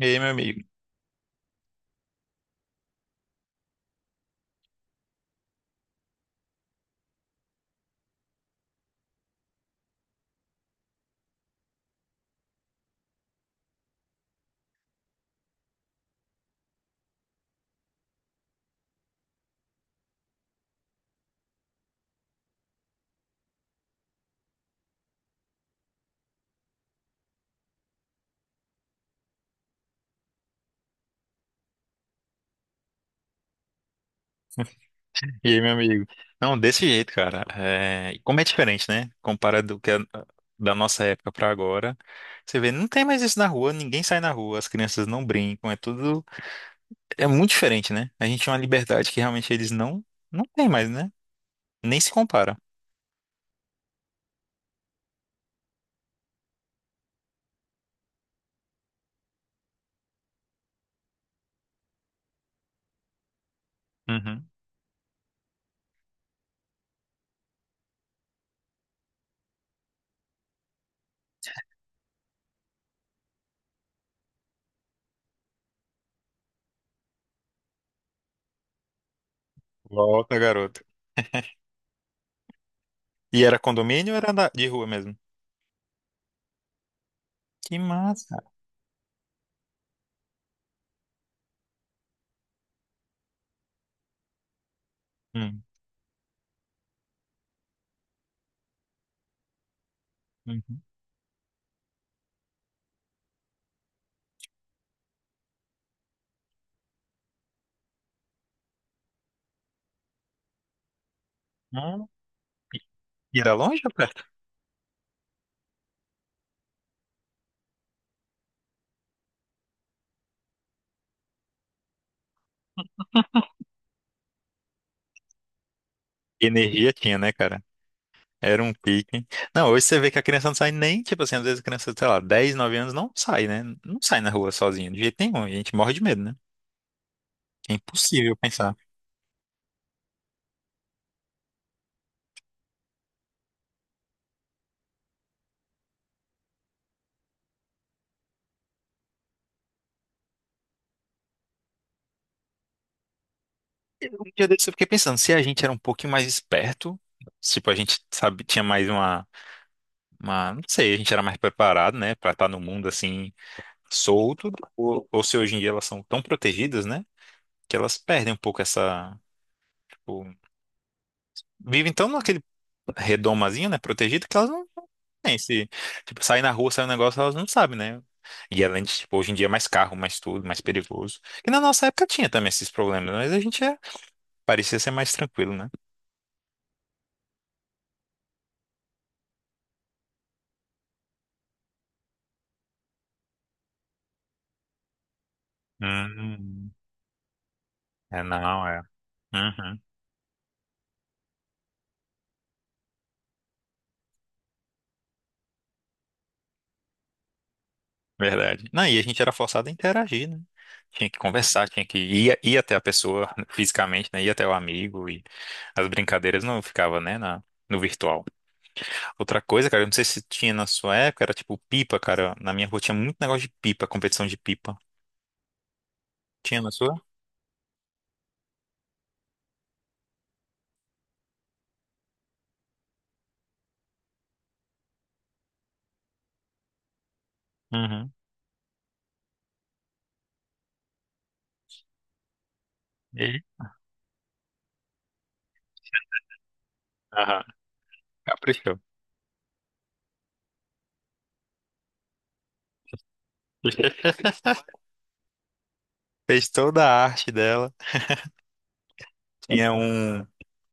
E aí, meu amigo? E aí, meu amigo? Não, desse jeito, cara. É, e como é diferente, né? Comparado do que é da nossa época pra agora. Você vê, não tem mais isso na rua, ninguém sai na rua, as crianças não brincam, é tudo. É muito diferente, né? A gente tem uma liberdade que realmente eles não têm mais, né? Nem se compara. Uhum. Volta, garoto. E era condomínio ou era da- de rua mesmo? Que massa. Hum, uhum. Hum. E era longe ou perto? Energia tinha, né, cara? Era um pique. Não, hoje você vê que a criança não sai nem, tipo assim, às vezes a criança, sei lá, 10, 9 anos não sai, né? Não sai na rua sozinha, de jeito nenhum. A gente morre de medo, né? É impossível pensar. Um dia desse eu fiquei pensando, se a gente era um pouquinho mais esperto, tipo, a gente, sabe, tinha mais uma, não sei, a gente era mais preparado, né, pra estar no mundo assim, solto, ou se hoje em dia elas são tão protegidas, né, que elas perdem um pouco essa, tipo, vivem tão naquele redomazinho, né? Protegida, que elas não têm esse. Tipo, sair na rua, sair um negócio, elas não sabem, né? E além de, tipo, hoje em dia é mais carro, mais tudo, mais perigoso. E na nossa época tinha também esses problemas, mas a gente é- parecia ser mais tranquilo, né? Hum, é, não, é. Uhum, verdade. Não, e a gente era forçado a interagir, né? Tinha que conversar, tinha que ir até a pessoa fisicamente, né? Ir até o amigo e as brincadeiras não ficava, né, na, no virtual. Outra coisa, cara, eu não sei se tinha na sua época, era tipo pipa, cara. Na minha rua tinha muito negócio de pipa, competição de pipa. Tinha na sua? Uhum. E aí? Aham. Caprichou. Fez toda a arte dela. Tinha um.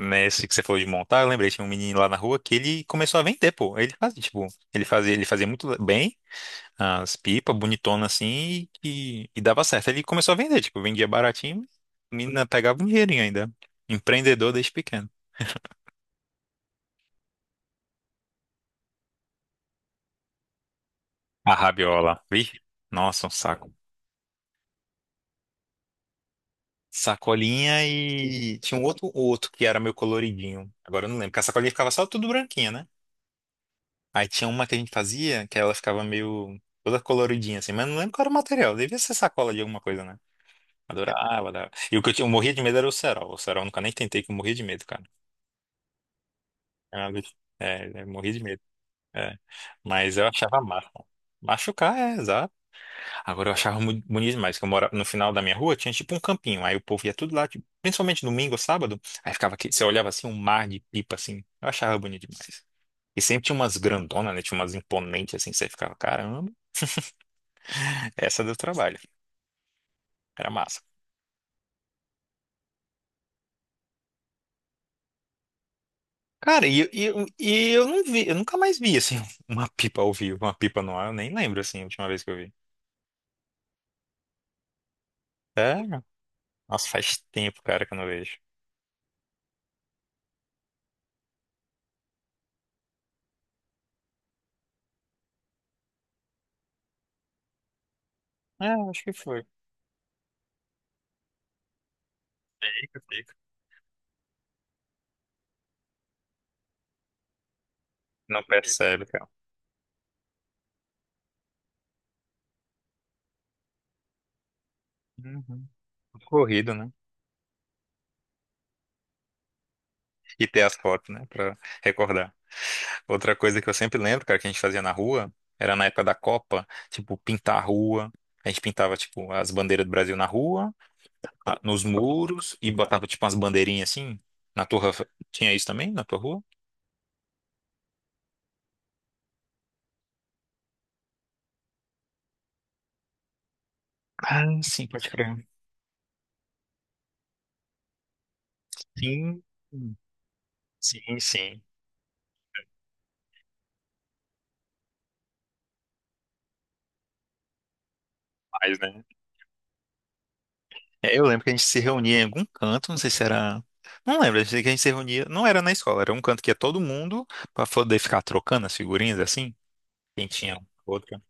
Nesse que você falou de montar, eu lembrei, tinha um menino lá na rua que ele começou a vender, pô. Ele fazia, tipo, ele fazia muito bem as pipas, bonitona assim, e dava certo. Ele começou a vender, tipo, vendia baratinho, a menina pegava um dinheirinho ainda. Empreendedor desde pequeno. A rabiola, vi? Nossa, um saco. Sacolinha e tinha um outro que era meu coloridinho. Agora eu não lembro, porque a sacolinha ficava só tudo branquinha, né? Aí tinha uma que a gente fazia que ela ficava meio toda coloridinha assim, mas não lembro qual era o material. Devia ser sacola de alguma coisa, né? Adorava, adorava. E o que eu, tinha, eu morria de medo era o cerol. O cerol eu nunca nem tentei, que eu morria de medo, cara. Eu morria de medo. É. Mas eu achava massa. Machucar, é, exato. Agora eu achava muito bonito demais, que eu morava no final da minha rua, tinha tipo um campinho, aí o povo ia tudo lá, tipo, principalmente domingo ou sábado, aí ficava aqui, você olhava assim, um mar de pipa assim, eu achava bonito demais. E sempre tinha umas grandonas, né, tinha umas imponentes assim, você ficava, caramba, essa deu trabalho, era massa. Cara, e eu não vi, eu nunca mais vi assim, uma pipa ao vivo, uma pipa no ar, eu nem lembro assim, a última vez que eu vi. É, nossa, faz tempo, cara, que eu não vejo. É, acho que foi. Fica, fica. Não percebe, cara. Uhum. Corrido, né? E ter as fotos, né, pra recordar. Outra coisa que eu sempre lembro, cara, que a gente fazia na rua, era na época da Copa, tipo, pintar a rua. A gente pintava, tipo, as bandeiras do Brasil na rua, a- nos muros, e botava, tipo, umas bandeirinhas assim. Na tua, rua tinha isso também, na tua rua? Ah, sim, pode crer. Sim, sim, sim. Mas, né? É, eu lembro que a gente se reunia em algum canto, não sei se era. Não lembro, eu sei que a gente se reunia. Não era na escola, era um canto que ia todo mundo pra poder ficar trocando as figurinhas assim. Quem tinha. Outro.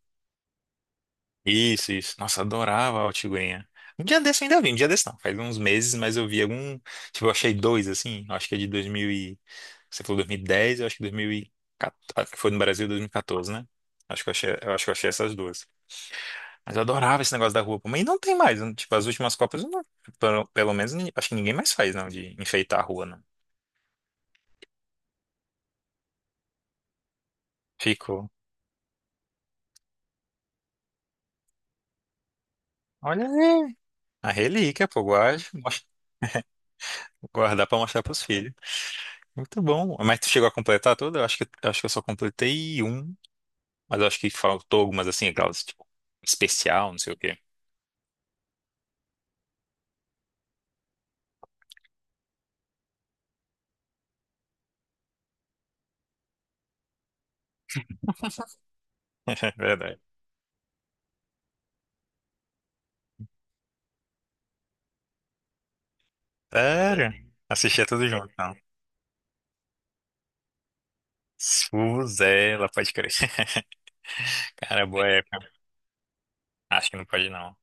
Isso, isso. Nossa, adorava a Altigurinha. Um dia desse eu ainda vi, um dia desse não. Faz uns meses, mas eu vi algum. Tipo, eu achei dois, assim. Eu acho que é de 2000 e... Você falou 2010, eu acho que 2014. Foi no Brasil 2014, né? Acho que eu achei, eu acho que eu achei essas duas. Mas eu adorava esse negócio da rua. Pô. Mas não tem mais. Né? Tipo, as últimas Copas, eu não- pelo menos, ni- acho que ninguém mais faz, não, de enfeitar a rua, não. Ficou. Olha aí. A relíquia, pô, guarde, mostra- guardar pra mostrar pros filhos. Muito bom. Mas tu chegou a completar tudo? Eu acho que eu só completei um. Mas eu acho que faltou algumas assim, aquelas, tipo, especial, não sei o quê. Verdade. Sério? Assistia tudo junto, não. Suzela, pode crer. Cara, é boa época. Acho que não pode, não.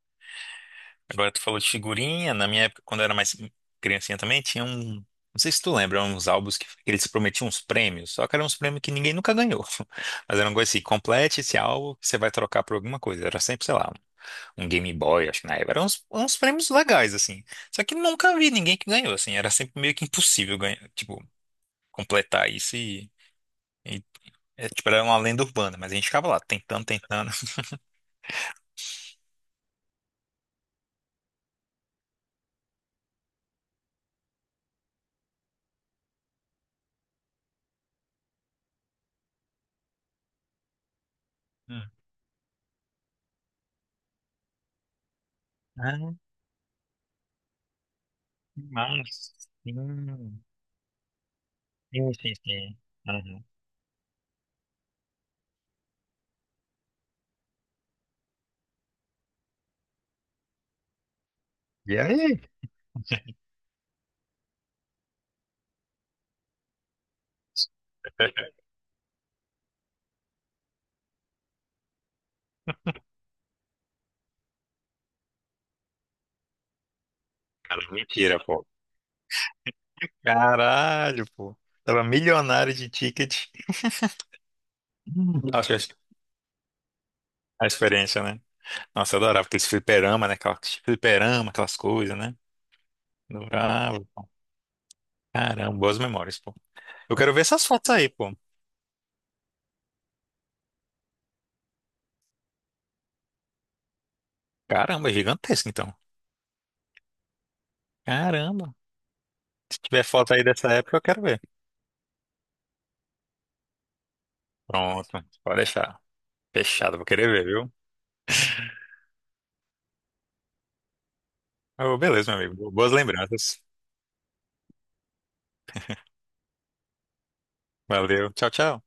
Agora tu falou de figurinha. Na minha época, quando eu era mais criancinha também, tinha um. Não sei se tu lembra, uns álbuns que eles prometiam uns prêmios, só que eram uns prêmios que ninguém nunca ganhou. Mas era uma coisa assim, complete esse álbum, você vai trocar por alguma coisa. Era sempre, sei lá, um Game Boy, acho que na época. Eram uns prêmios legais, assim. Só que nunca vi ninguém que ganhou, assim. Era sempre meio que impossível ganhar, tipo, completar isso e, é, tipo, era uma lenda urbana, mas a gente ficava lá tentando, tentando. Hum. Ah, que massa. Hum. Sim, sim, sim. Uhum. E aí? Cara, mentira, pô. Caralho, pô. Tava milionário de ticket. Hum. Nossa, acho que a experiência, né? Nossa, eu adorava aqueles fliperama, né? Aquelas fliperama, aquelas coisas, né? Adorava. Caramba, boas memórias, pô. Eu quero ver essas fotos aí, pô. Caramba, é gigantesco, então. Caramba. Se tiver foto aí dessa época, eu quero ver. Pronto, pode deixar. Fechado, vou querer ver, viu? Oh, beleza, meu amigo. Boas lembranças. Valeu. Tchau, tchau.